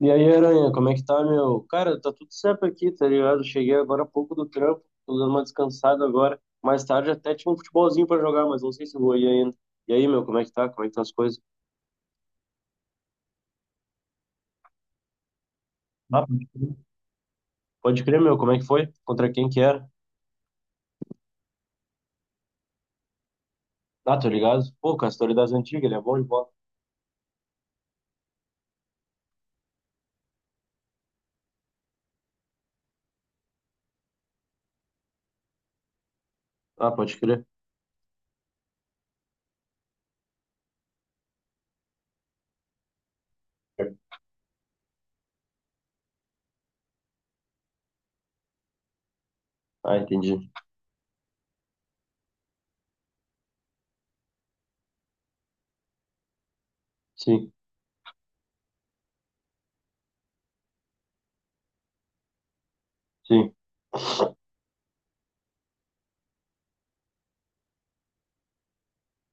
E aí, Aranha, como é que tá, meu? Cara, tá tudo certo aqui, tá ligado? Cheguei agora há pouco do trampo, tô dando uma descansada agora. Mais tarde até tinha um futebolzinho pra jogar, mas não sei se eu vou ir ainda. E aí, meu, como é que tá? Como é que estão as coisas? Ah, pode crer, Pode crer, meu, como é que foi? Contra quem que era? Ah, tô ligado. Pô, Castor é das antigas, ele é bom de bola. Ah, pode crer. Ah, entendi. Sim, sim.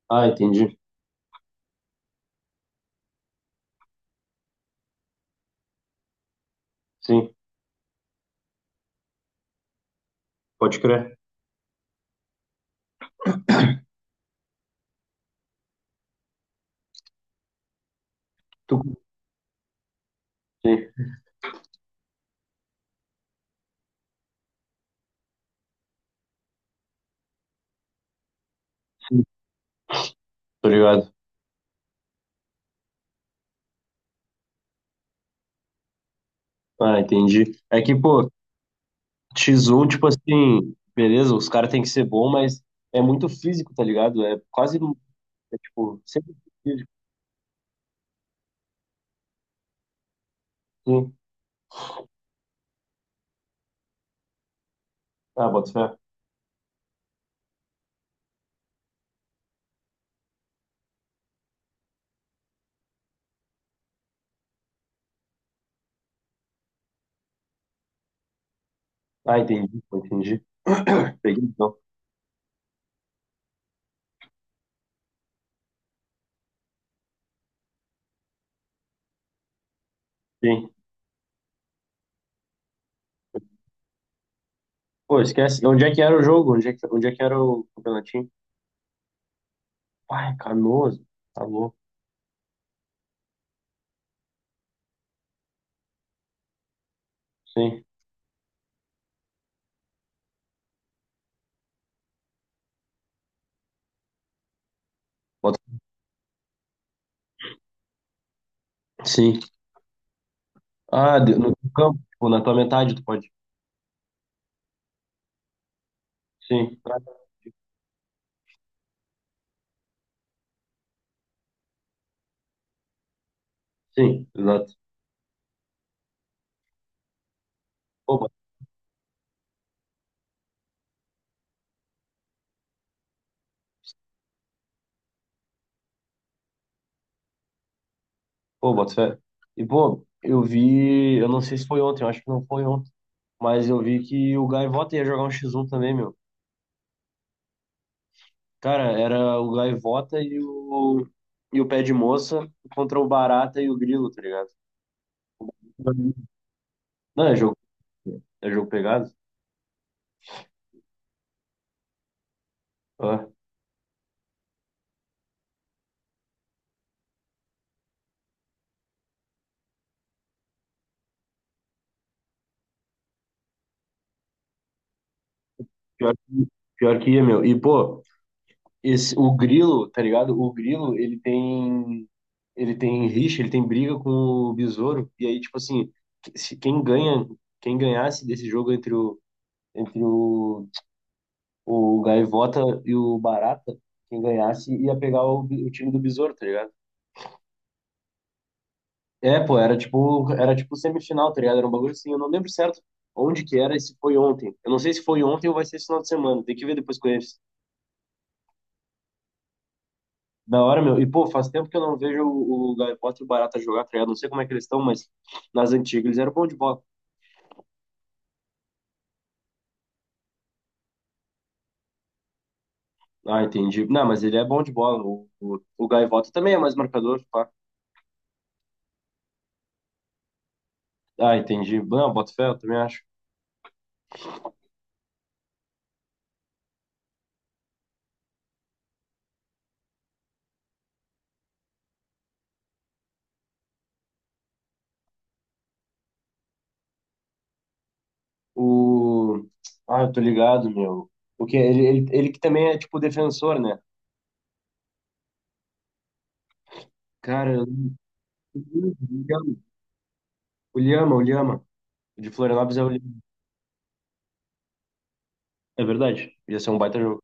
Ah, entendi. Sim, pode crer. Tu... Sim, sim. Tô ligado. Ah, entendi. É que, pô, X1, tipo assim, beleza, os caras têm que ser bom, mas é muito físico, tá ligado? É quase, é, tipo, sempre físico. Sim. Ah, bota fé. Ah, entendi, pô, entendi. Peguei, então. Sim. Pô, esquece. Onde é que era o jogo? Onde é que era o campeonatinho? Ai, Canoas. Tá louco. Sim. Bota... fé. Sim. Ah, no campo, tipo, na tua metade, tu pode. Sim. Ah, Sim, exato. Pô, Pô, boto fé. E, pô, eu vi, eu não sei se foi ontem, eu acho que não foi ontem, mas eu vi que o Gaivota ia jogar um X1 também, meu. Cara, era o Gaivota e o Pé de Moça contra o Barata e o Grilo, tá ligado? Não, é jogo pegado. Ah, pior, pior que ia, meu. E, pô, esse, o Grilo, tá ligado? O Grilo, ele tem rixa, ele tem briga com o Besouro, e aí, tipo assim, que- se- quem ganha, quem ganhasse desse jogo entre o Gaivota e o Barata, quem ganhasse ia pegar o time do Besouro, tá ligado? É, pô, era tipo semifinal, tá ligado? Era um bagulho assim, eu não lembro certo onde que era e se foi ontem. Eu não sei se foi ontem ou vai ser esse final de semana, tem que ver depois com eles. Da hora, meu. E, pô, faz tempo que eu não vejo o Gaivota e o Barata jogar, tá ligado? Não sei como é que eles estão, mas nas antigas eles eram bom de bola. Ah, entendi. Não, mas ele é bom de bola. O Gaivota também é mais marcador, pá. Ah, entendi. Não, boto fé, eu também acho. O. Ah, eu tô ligado, meu. O que ele que também é tipo defensor, né? Cara, o Lhama, o Lhama. O De Florianópolis é o Lhama. É verdade. Ia ser um baita jogo.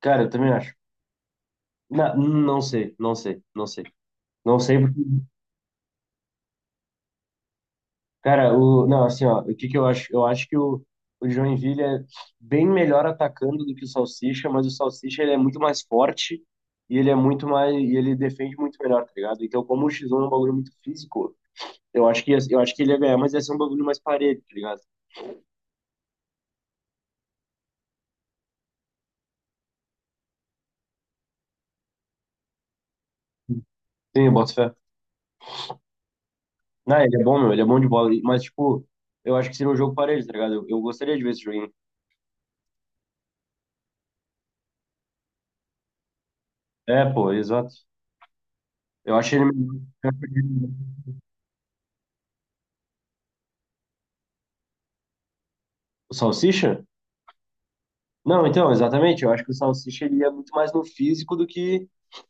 Cara, eu também acho. Não sei, não sei, não sei. Não sei porque. Cara, o. Não, assim, ó, o que que eu acho? Eu acho que o Joinville é bem melhor atacando do que o Salsicha, mas o Salsicha ele é muito mais forte e ele é muito mais. E ele defende muito melhor, tá ligado? Então, como o X1 é um bagulho muito físico. Eu acho que ele ia ganhar, mas ia ser um bagulho mais parelho, tá ligado? Sim, eu boto fé. Não, ele é bom, meu, ele é bom de bola. Mas, tipo, eu acho que seria um jogo parelho, tá ligado? Eu gostaria de ver esse joguinho. É, pô, exato. Eu acho ele. Melhor. O Salsicha? Não, então, exatamente. Eu acho que o Salsicha ele ia muito mais no físico do que,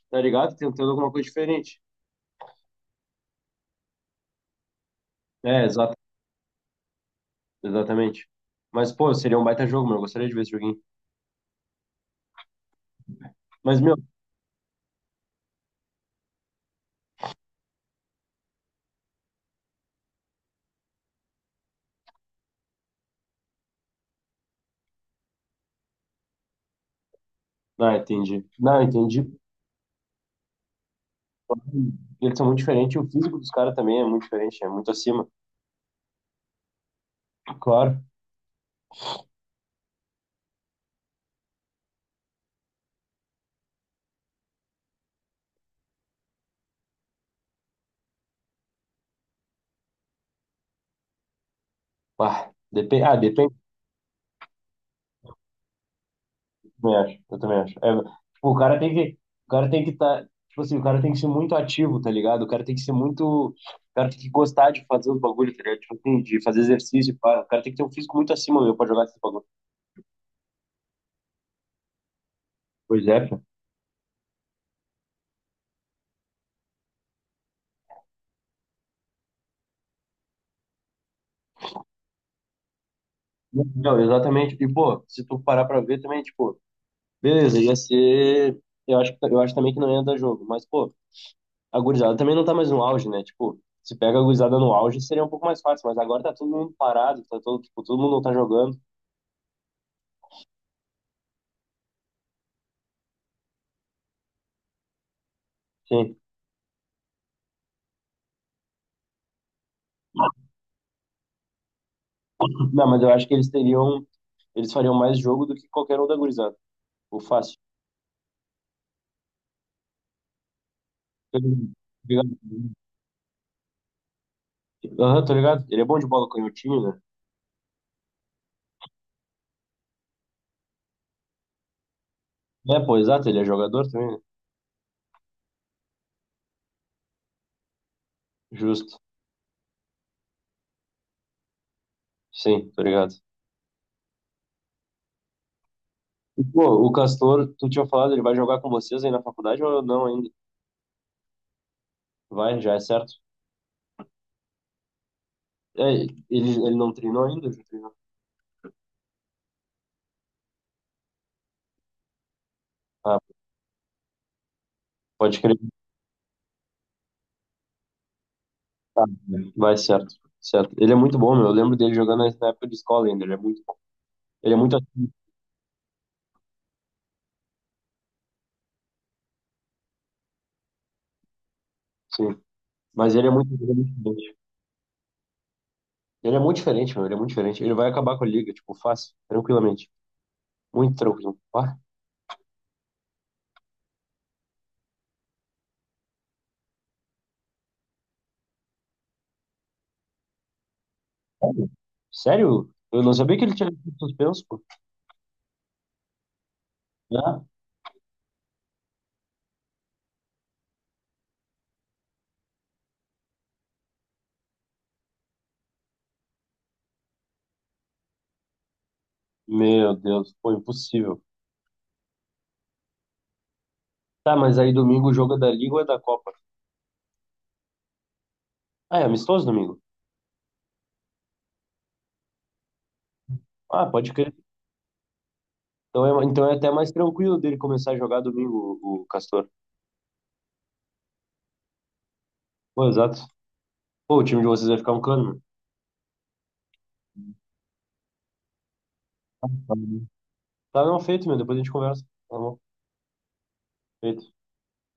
tá ligado? Tentando alguma coisa diferente. É, exato, exatamente. Mas, pô, seria um baita jogo, meu. Eu gostaria de ver esse joguinho. Mas, meu, não, entendi. Não, entendi. Eles são muito diferentes. O físico dos caras também é muito diferente, é muito acima. Claro. Ah, depende. Ah, depende. Eu também acho. Eu também acho. É, tipo, o cara tem que. O cara tem que estar. Tipo assim, o cara tem que ser muito ativo, tá ligado? O cara tem que ser muito. O cara tem que gostar de fazer os bagulhos, tá ligado? Tipo assim, de fazer exercício. Pá. O cara tem que ter um físico muito acima, meu, pra jogar esses bagulhos. Pois é, pô. Não, exatamente. E, pô, se tu parar pra ver também, tipo, beleza, ia ser. Eu acho também que não ia dar jogo, mas, pô. A gurizada também não tá mais no auge, né? Tipo, se pega a gurizada no auge, seria um pouco mais fácil, mas agora tá todo mundo parado, tá todo, tipo, todo mundo não tá jogando. Sim. Não, mas eu acho que eles teriam, eles fariam mais jogo do que qualquer um da gurizada. O fácil. Tô ligado. Aham, tô ligado. Ele é bom de bola canhotinho, né? É, pô, exato, ele é jogador também, né? Justo. Sim, tô ligado. E, pô, o Castor, tu tinha falado, ele vai jogar com vocês aí na faculdade ou não ainda? Vai, já é certo. É, ele não treinou ainda? Já treinou. Ah, pode crer. Tá, vai certo, certo. Ele é muito bom, meu. Eu lembro dele jogando na época de escola ainda. Ele é muito bom. Ele é muito ativo, sim. Mas ele é muito diferente. Ele é muito diferente, meu. Ele é muito diferente. Ele vai acabar com a liga, tipo, fácil, tranquilamente. Muito tranquilo. Ah, sério? Sério? Eu não sabia que ele tinha sido suspenso, pô. Ah, meu Deus, pô, impossível. Tá, mas aí domingo o jogo é da Liga ou é da Copa? Ah, é amistoso domingo? Ah, pode crer. Então é até mais tranquilo dele começar a jogar domingo, o Castor. Pô, exato. Pô, o time de vocês vai ficar um cano, meu. Tá, não, feito, meu. Depois a gente conversa. Tá bom, feito.